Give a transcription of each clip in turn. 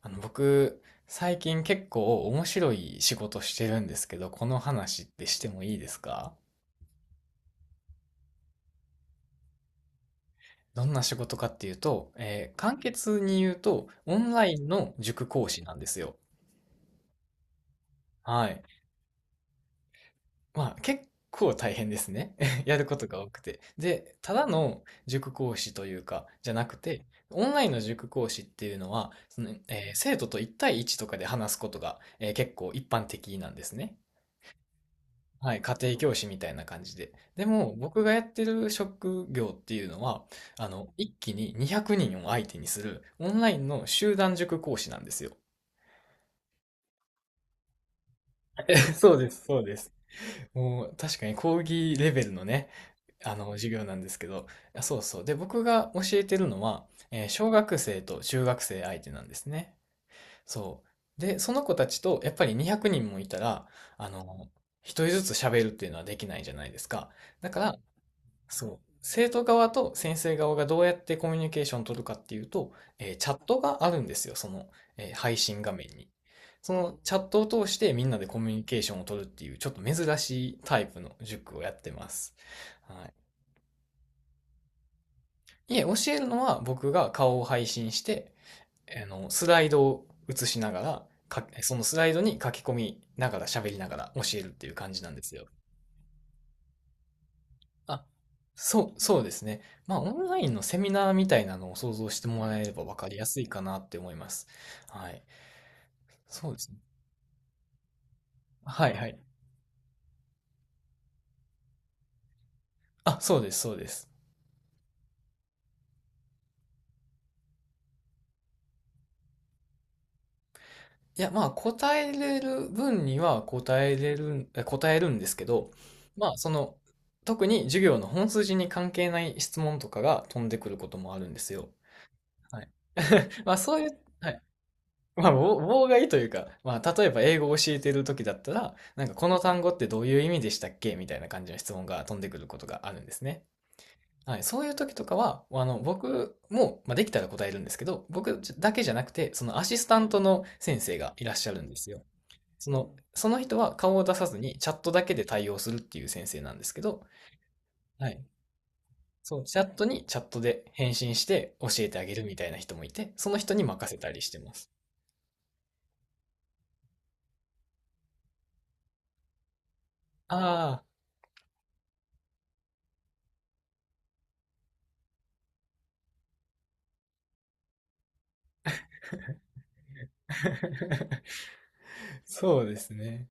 僕、最近結構面白い仕事してるんですけど、この話ってしてもいいですか？どんな仕事かっていうと、簡潔に言うと、オンラインの塾講師なんですよ。はい。まあ、結構大変ですね。やることが多くて。で、ただの塾講師というか、じゃなくて、オンラインの塾講師っていうのは、生徒と一対一とかで話すことが、結構一般的なんですね。はい、家庭教師みたいな感じで。でも、僕がやってる職業っていうのは、一気に200人を相手にするオンラインの集団塾講師なんですよ。そうです、そうです。もう、確かに講義レベルのね、授業なんですけど、あそうそう。で、僕が教えてるのは、小学生と中学生相手なんですね。そう。で、その子たちと、やっぱり200人もいたら、あの、一人ずつ喋るっていうのはできないじゃないですか。だから、そう。生徒側と先生側がどうやってコミュニケーションを取るかっていうと、チャットがあるんですよ、配信画面に。そのチャットを通してみんなでコミュニケーションを取るっていう、ちょっと珍しいタイプの塾をやってます。はい。いえ、教えるのは僕が顔を配信して、スライドを映しながら、そのスライドに書き込みながら喋りながら教えるっていう感じなんですよ。あ、そうですね。まあ、オンラインのセミナーみたいなのを想像してもらえれば分かりやすいかなって思います。はい。そうですね。はいはい。あ、そうです、そうです。いや、まあ、答えれる分には答えれる、え答えるんですけど、まあ、その、特に授業の本筋に関係ない質問とかが飛んでくることもあるんですよ。はい。まあ、そういう、はい。まあ、妨害というか、まあ、例えば英語を教えてる時だったら、なんかこの単語ってどういう意味でしたっけみたいな感じの質問が飛んでくることがあるんですね。はい、そういう時とかは、僕も、まあ、できたら答えるんですけど、僕だけじゃなくて、そのアシスタントの先生がいらっしゃるんですよ。その人は顔を出さずにチャットだけで対応するっていう先生なんですけど、はい。そう、チャットにチャットで返信して教えてあげるみたいな人もいて、その人に任せたりしてます。ああ。そうですね。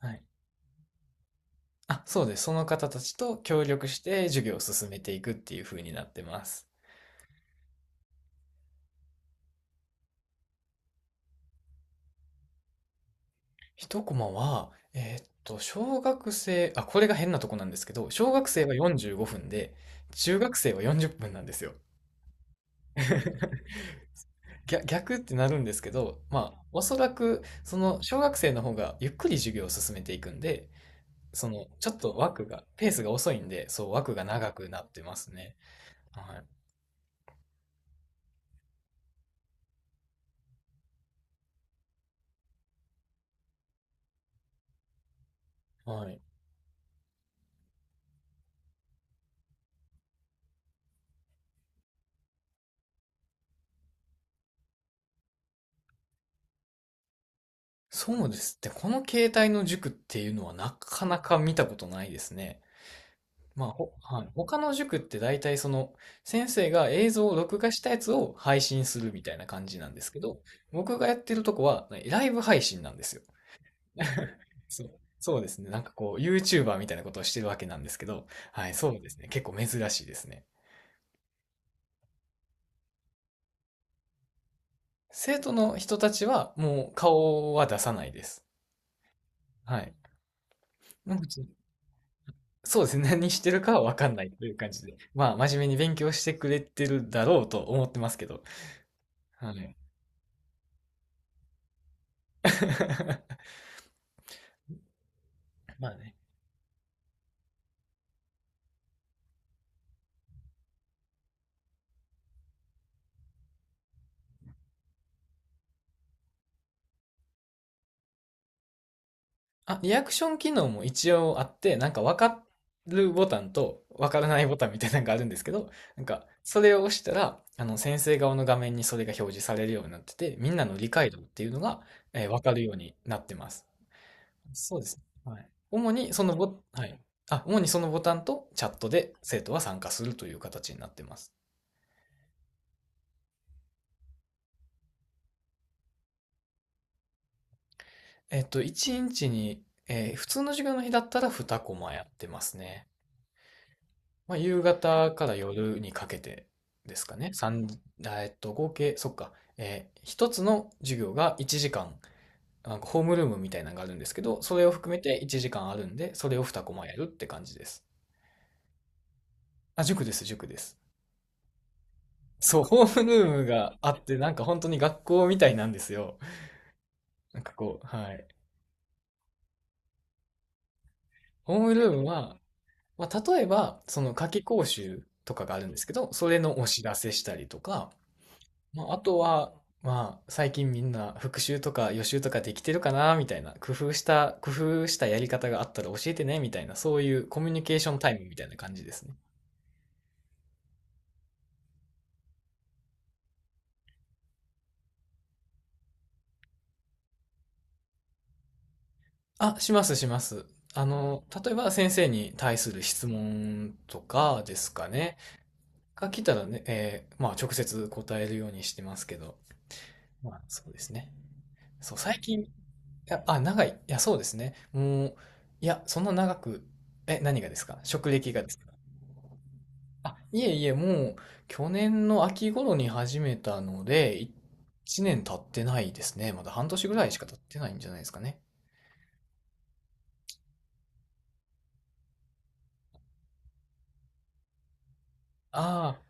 はい。あ、そうです。その方たちと協力して授業を進めていくっていう風になってます。一コマは、小学生、あ、これが変なとこなんですけど、小学生は45分で、中学生は40分なんですよ。逆、逆ってなるんですけど、まあ、おそらく、その、小学生の方がゆっくり授業を進めていくんで、その、ちょっと枠が、ペースが遅いんで、そう、枠が長くなってますね。はい。はい。そうですね。この形態の塾っていうのはなかなか見たことないですね。はい。他の塾って大体その先生が映像を録画したやつを配信するみたいな感じなんですけど、僕がやってるとこはライブ配信なんですよ。そう、そうですね。なんかこう YouTuber みたいなことをしてるわけなんですけど、はい、そうですね。結構珍しいですね。生徒の人たちはもう顔は出さないです。はい。そうですね。何してるかはわかんないという感じで。まあ、真面目に勉強してくれてるだろうと思ってますけど。はい。まあね。あ、リアクション機能も一応あって、なんかわかるボタンとわからないボタンみたいなのがあるんですけど、なんか、それを押したら、先生側の画面にそれが表示されるようになってて、みんなの理解度っていうのが、わかるようになってます。そうですね。はい。主にそのボ、はい。あ、主にそのボタンとチャットで生徒は参加するという形になってます。えっと、1日にちに、普通の授業の日だったら2コマやってますね。まあ、夕方から夜にかけてですかね。三あえっと、合計、そっか、1つの授業が1時間、なんかホームルームみたいなのがあるんですけど、それを含めて1時間あるんで、それを2コマやるって感じです。あ、塾です、塾です。そう、ホームルームがあって、なんか本当に学校みたいなんですよ。なんかこう、はい。ホームルームは、まあ、例えば、その夏期講習とかがあるんですけど、それのお知らせしたりとか、まあ、あとは、まあ、最近みんな復習とか予習とかできてるかな、みたいな、工夫したやり方があったら教えてね、みたいな、そういうコミュニケーションタイムみたいな感じですね。あ、します、します。あの、例えば先生に対する質問とかですかね。が来たらね、まあ、直接答えるようにしてますけど、まあ、そうですね。そう、最近、いや、あ、長い。いや、そうですね。もう、いや、そんな長く、え、何がですか？職歴がですか？あ、いえいえ、もう、去年の秋頃に始めたので、1年経ってないですね。まだ半年ぐらいしか経ってないんじゃないですかね。ああ、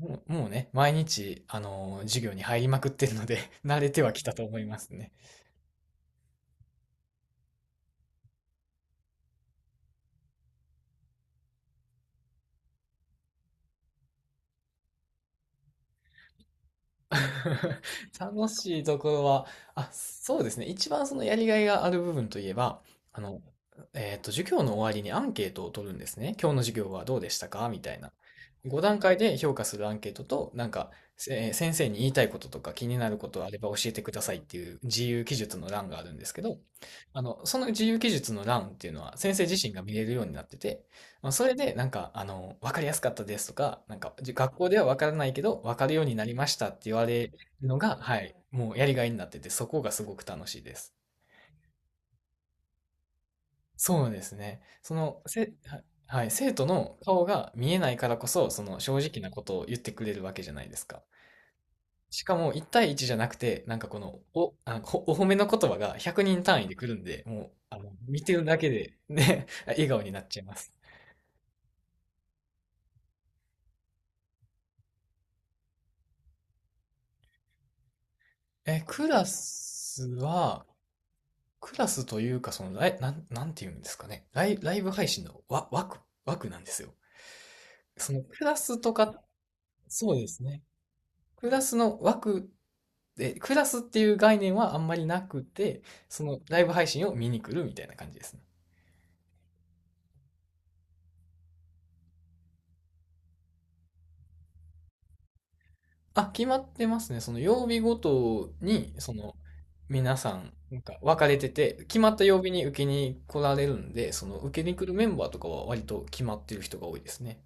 もうね、毎日、授業に入りまくってるので 慣れてはきたと思いますね。楽しいところは、あ、そうですね。一番そのやりがいがある部分といえば、あの、授業の終わりにアンケートを取るんですね。今日の授業はどうでしたかみたいな。5段階で評価するアンケートと、なんか、先生に言いたいこととか気になることあれば教えてくださいっていう自由記述の欄があるんですけど、その自由記述の欄っていうのは先生自身が見れるようになってて、まあ、それで、なんか、あの、わかりやすかったですとか、なんか、学校ではわからないけど、わかるようになりましたって言われるのが、はい、もうやりがいになってて、そこがすごく楽しいです。そうですね。はい、生徒の顔が見えないからこそ、その正直なことを言ってくれるわけじゃないですか。しかも、1対1じゃなくて、なんかこの、お、あの、おお褒めの言葉が100人単位で来るんで、もう、あの、見てるだけで、ね、笑顔になっちゃいます。え、クラスは、クラスというか、そのライ、なん、なんていうんですかね。ライブ配信の枠、枠なんですよ。そのクラスとか、そうですね。クラスの枠で、クラスっていう概念はあんまりなくて、そのライブ配信を見に来るみたいな感じですね。あ、決まってますね。その曜日ごとに、その、皆さん、なんか分かれてて、決まった曜日に受けに来られるんで、その受けに来るメンバーとかは割と決まってる人が多いですね。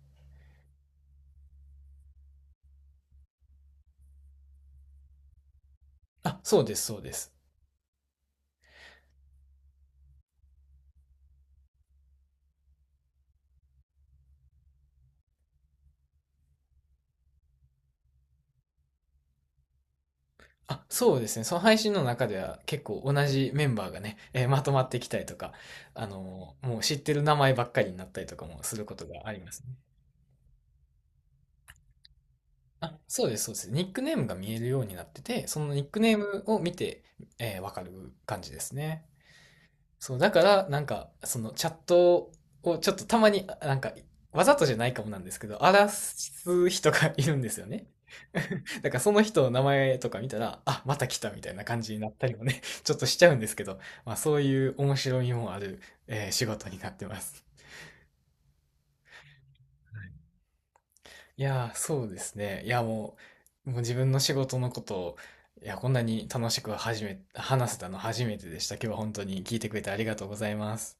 あ、そうです、そうです。あ、そうですね。その配信の中では結構同じメンバーがね、まとまってきたりとか、もう知ってる名前ばっかりになったりとかもすることがありますね。あ、そうです、そうです。ニックネームが見えるようになってて、そのニックネームを見て、わかる感じですね。そう、だから、なんか、そのチャットをちょっとたまに、なんか、わざとじゃないかもなんですけど、荒らす人がいるんですよね。だからその人の名前とか見たら、あ、また来たみたいな感じになったりもね、ちょっとしちゃうんですけど、まあそういう面白みもある、仕事になってます。そうですね。もう自分の仕事のことを、こんなに楽しくはじめ、話せたの初めてでした。今日は本当に聞いてくれてありがとうございます。